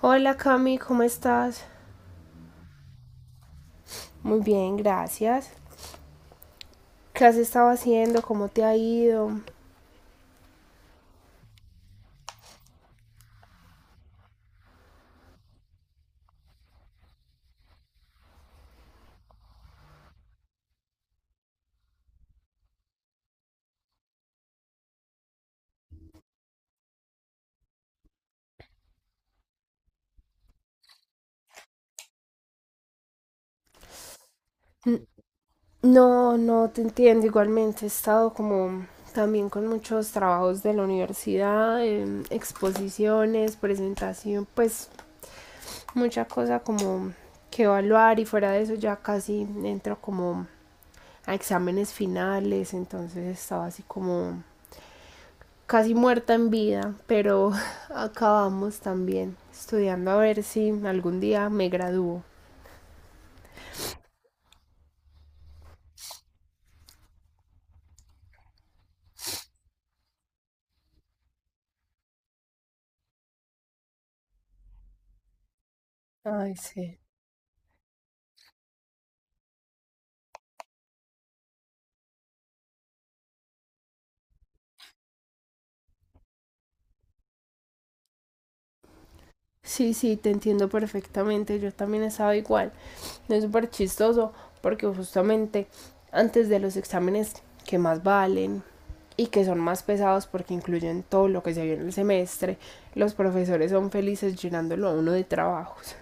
Hola Cami, ¿cómo estás? Muy bien, gracias. ¿Qué has estado haciendo? ¿Cómo te ha ido? No, no te entiendo. Igualmente he estado como también con muchos trabajos de la universidad, exposiciones, presentación, pues mucha cosa como que evaluar y fuera de eso ya casi entro como a exámenes finales, entonces estaba así como casi muerta en vida, pero acabamos también estudiando a ver si algún día me gradúo. Ay, sí. Sí, sí, te entiendo perfectamente, yo también estaba igual. No. Es súper chistoso porque justamente antes de los exámenes que más valen y que son más pesados porque incluyen todo lo que se vio en el semestre, los profesores son felices llenándolo a uno de trabajos,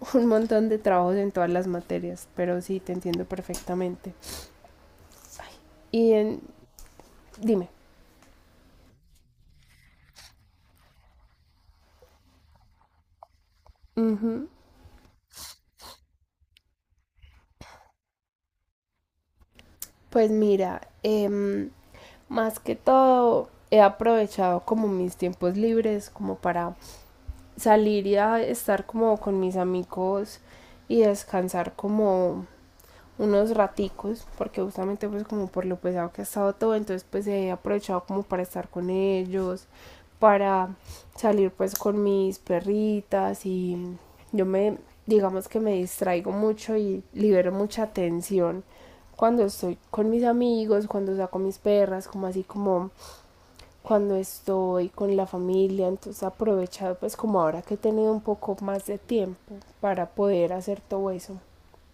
un montón de trabajos en todas las materias, pero sí, te entiendo perfectamente. Y en Dime. Ujú. Pues mira, más que todo he aprovechado como mis tiempos libres como para salir y a estar como con mis amigos y descansar como unos raticos, porque justamente pues como por lo pesado que ha estado todo, entonces pues he aprovechado como para estar con ellos, para salir pues con mis perritas y yo me, digamos que me distraigo mucho y libero mucha tensión cuando estoy con mis amigos, cuando saco mis perras, como así como cuando estoy con la familia, entonces he aprovechado pues como ahora que he tenido un poco más de tiempo para poder hacer todo eso.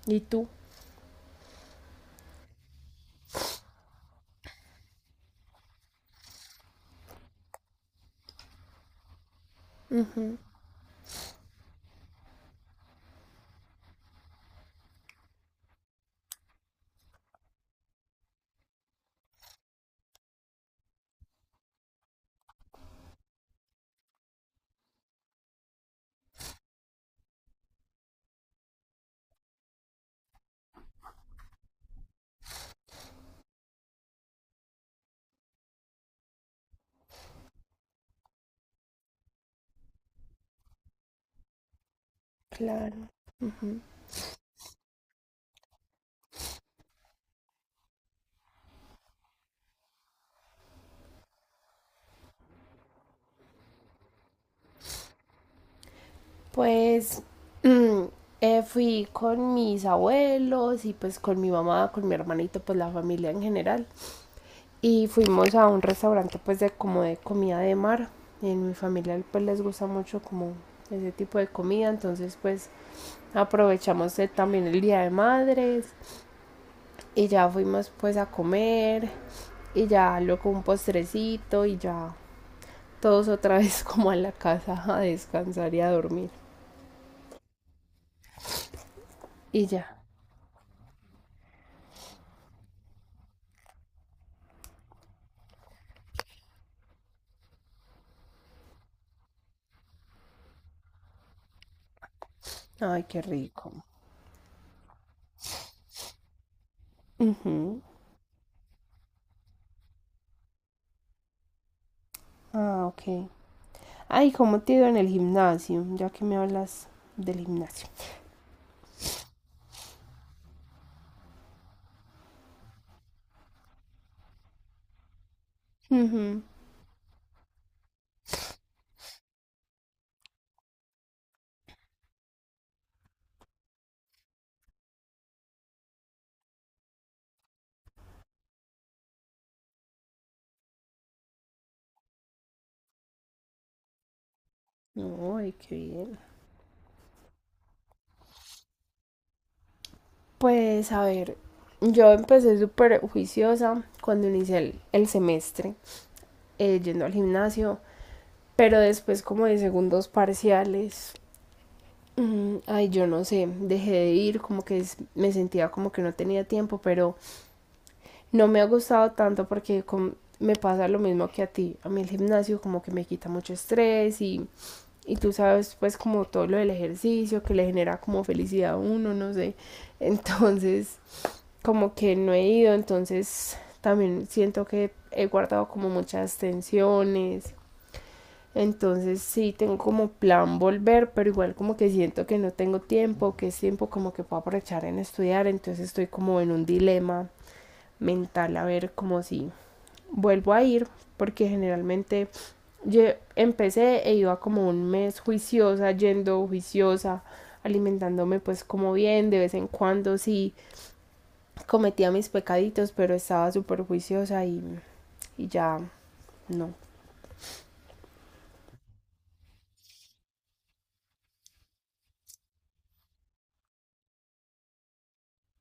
¿Y tú? Claro. Pues mm, fui con mis abuelos y pues con mi mamá, con mi hermanito, pues la familia en general. Y fuimos a un restaurante pues de como de comida de mar. En mi familia pues les gusta mucho como ese tipo de comida, entonces pues aprovechamos también el Día de Madres y ya fuimos pues a comer y ya luego un postrecito y ya todos otra vez como a la casa a descansar y a dormir y ya. Ay, qué rico. Ujú. Ah, ok. Ay, ¿cómo te iba en el gimnasio? Ya que me hablas del gimnasio. Ujú. No, ay, qué bien. Pues a ver, yo empecé súper juiciosa cuando inicié el semestre, yendo al gimnasio, pero después como de segundos parciales, mm, ay, yo no sé, dejé de ir, como que me sentía como que no tenía tiempo, pero no me ha gustado tanto porque me pasa lo mismo que a ti. A mí el gimnasio como que me quita mucho estrés y tú sabes pues como todo lo del ejercicio que le genera como felicidad a uno, no sé. Entonces como que no he ido, entonces también siento que he guardado como muchas tensiones. Entonces sí tengo como plan volver, pero igual como que siento que no tengo tiempo, que es tiempo como que puedo aprovechar en estudiar, entonces estoy como en un dilema mental a ver como si vuelvo a ir porque generalmente yo empecé e iba como un mes juiciosa, yendo juiciosa, alimentándome pues como bien, de vez en cuando sí cometía mis pecaditos, pero estaba súper juiciosa y ya no.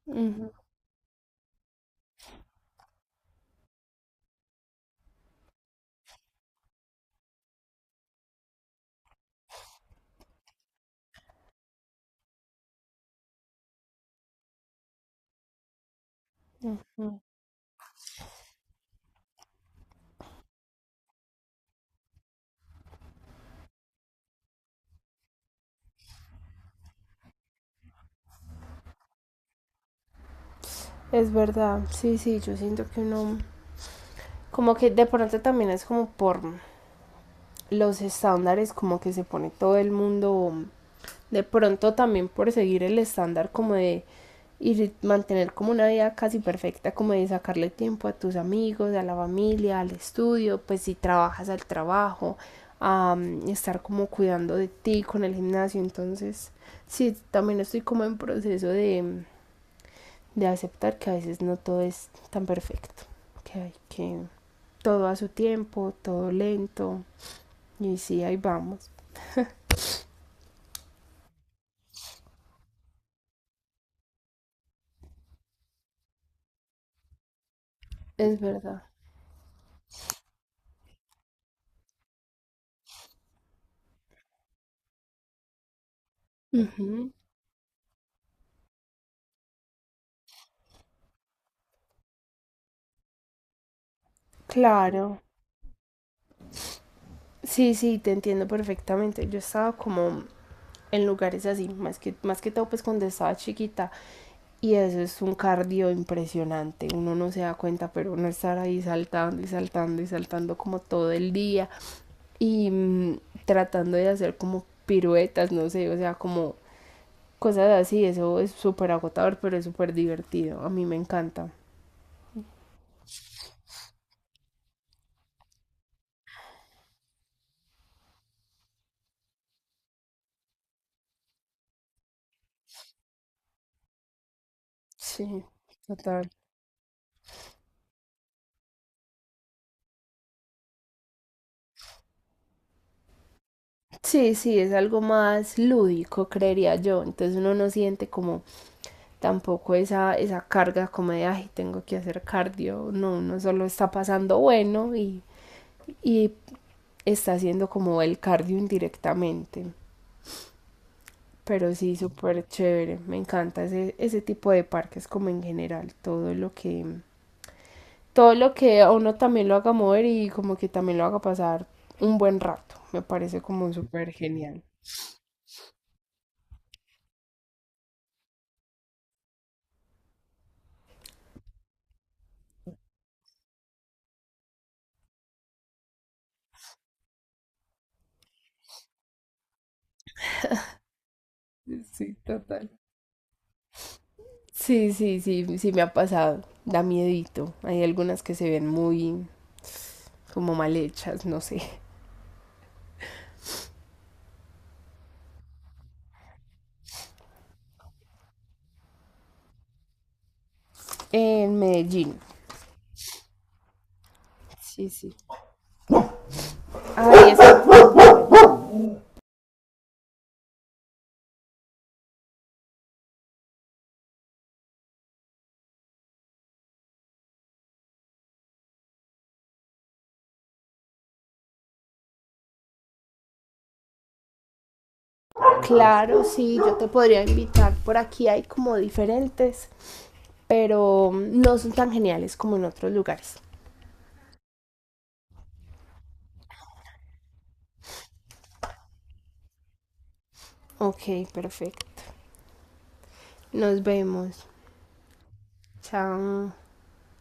Ujú, ujú. Es verdad, sí, sí, yo siento que uno, como que de pronto también es como por los estándares, como que se pone todo el mundo. De pronto también por seguir el estándar como de y mantener como una vida casi perfecta, como de sacarle tiempo a tus amigos, a la familia, al estudio, pues si trabajas al trabajo, a mm, estar como cuidando de ti con el gimnasio. Entonces, sí, también estoy como en proceso de, mm, de aceptar que a veces no todo es tan perfecto, que hay que todo a su tiempo, todo lento, y sí, ahí vamos. Es verdad. Ujú, claro. Sí, sí, te entiendo perfectamente. Yo estaba como en lugares así, más que todo pues cuando estaba chiquita. Y eso es un cardio impresionante. Uno no se da cuenta, pero uno estar ahí saltando y saltando y saltando como todo el día. Y mm, tratando de hacer como piruetas, no sé, o sea, como cosas así. Eso es súper agotador, pero es súper divertido. A mí me encanta. Sí, total. Sí, sí, es algo más lúdico, creería yo. Entonces uno no siente como tampoco esa carga como de, ay, tengo que hacer cardio. No, uno solo está pasando bueno y está haciendo como el cardio indirectamente. Pero sí, súper chévere. Me encanta ese tipo de parques como en general. Todo lo que a uno también lo haga mover y como que también lo haga pasar un buen rato. Me parece como súper genial. Sí, total. Sí, sí, sí, sí me ha pasado. Da miedito. Hay algunas que se ven muy, como mal hechas, no sé. En Medellín. Sí, sí. Ahí está. Claro, sí, yo te podría invitar. Por aquí hay como diferentes, pero no son tan geniales como en otros lugares. Ok, perfecto. Nos vemos. Chao.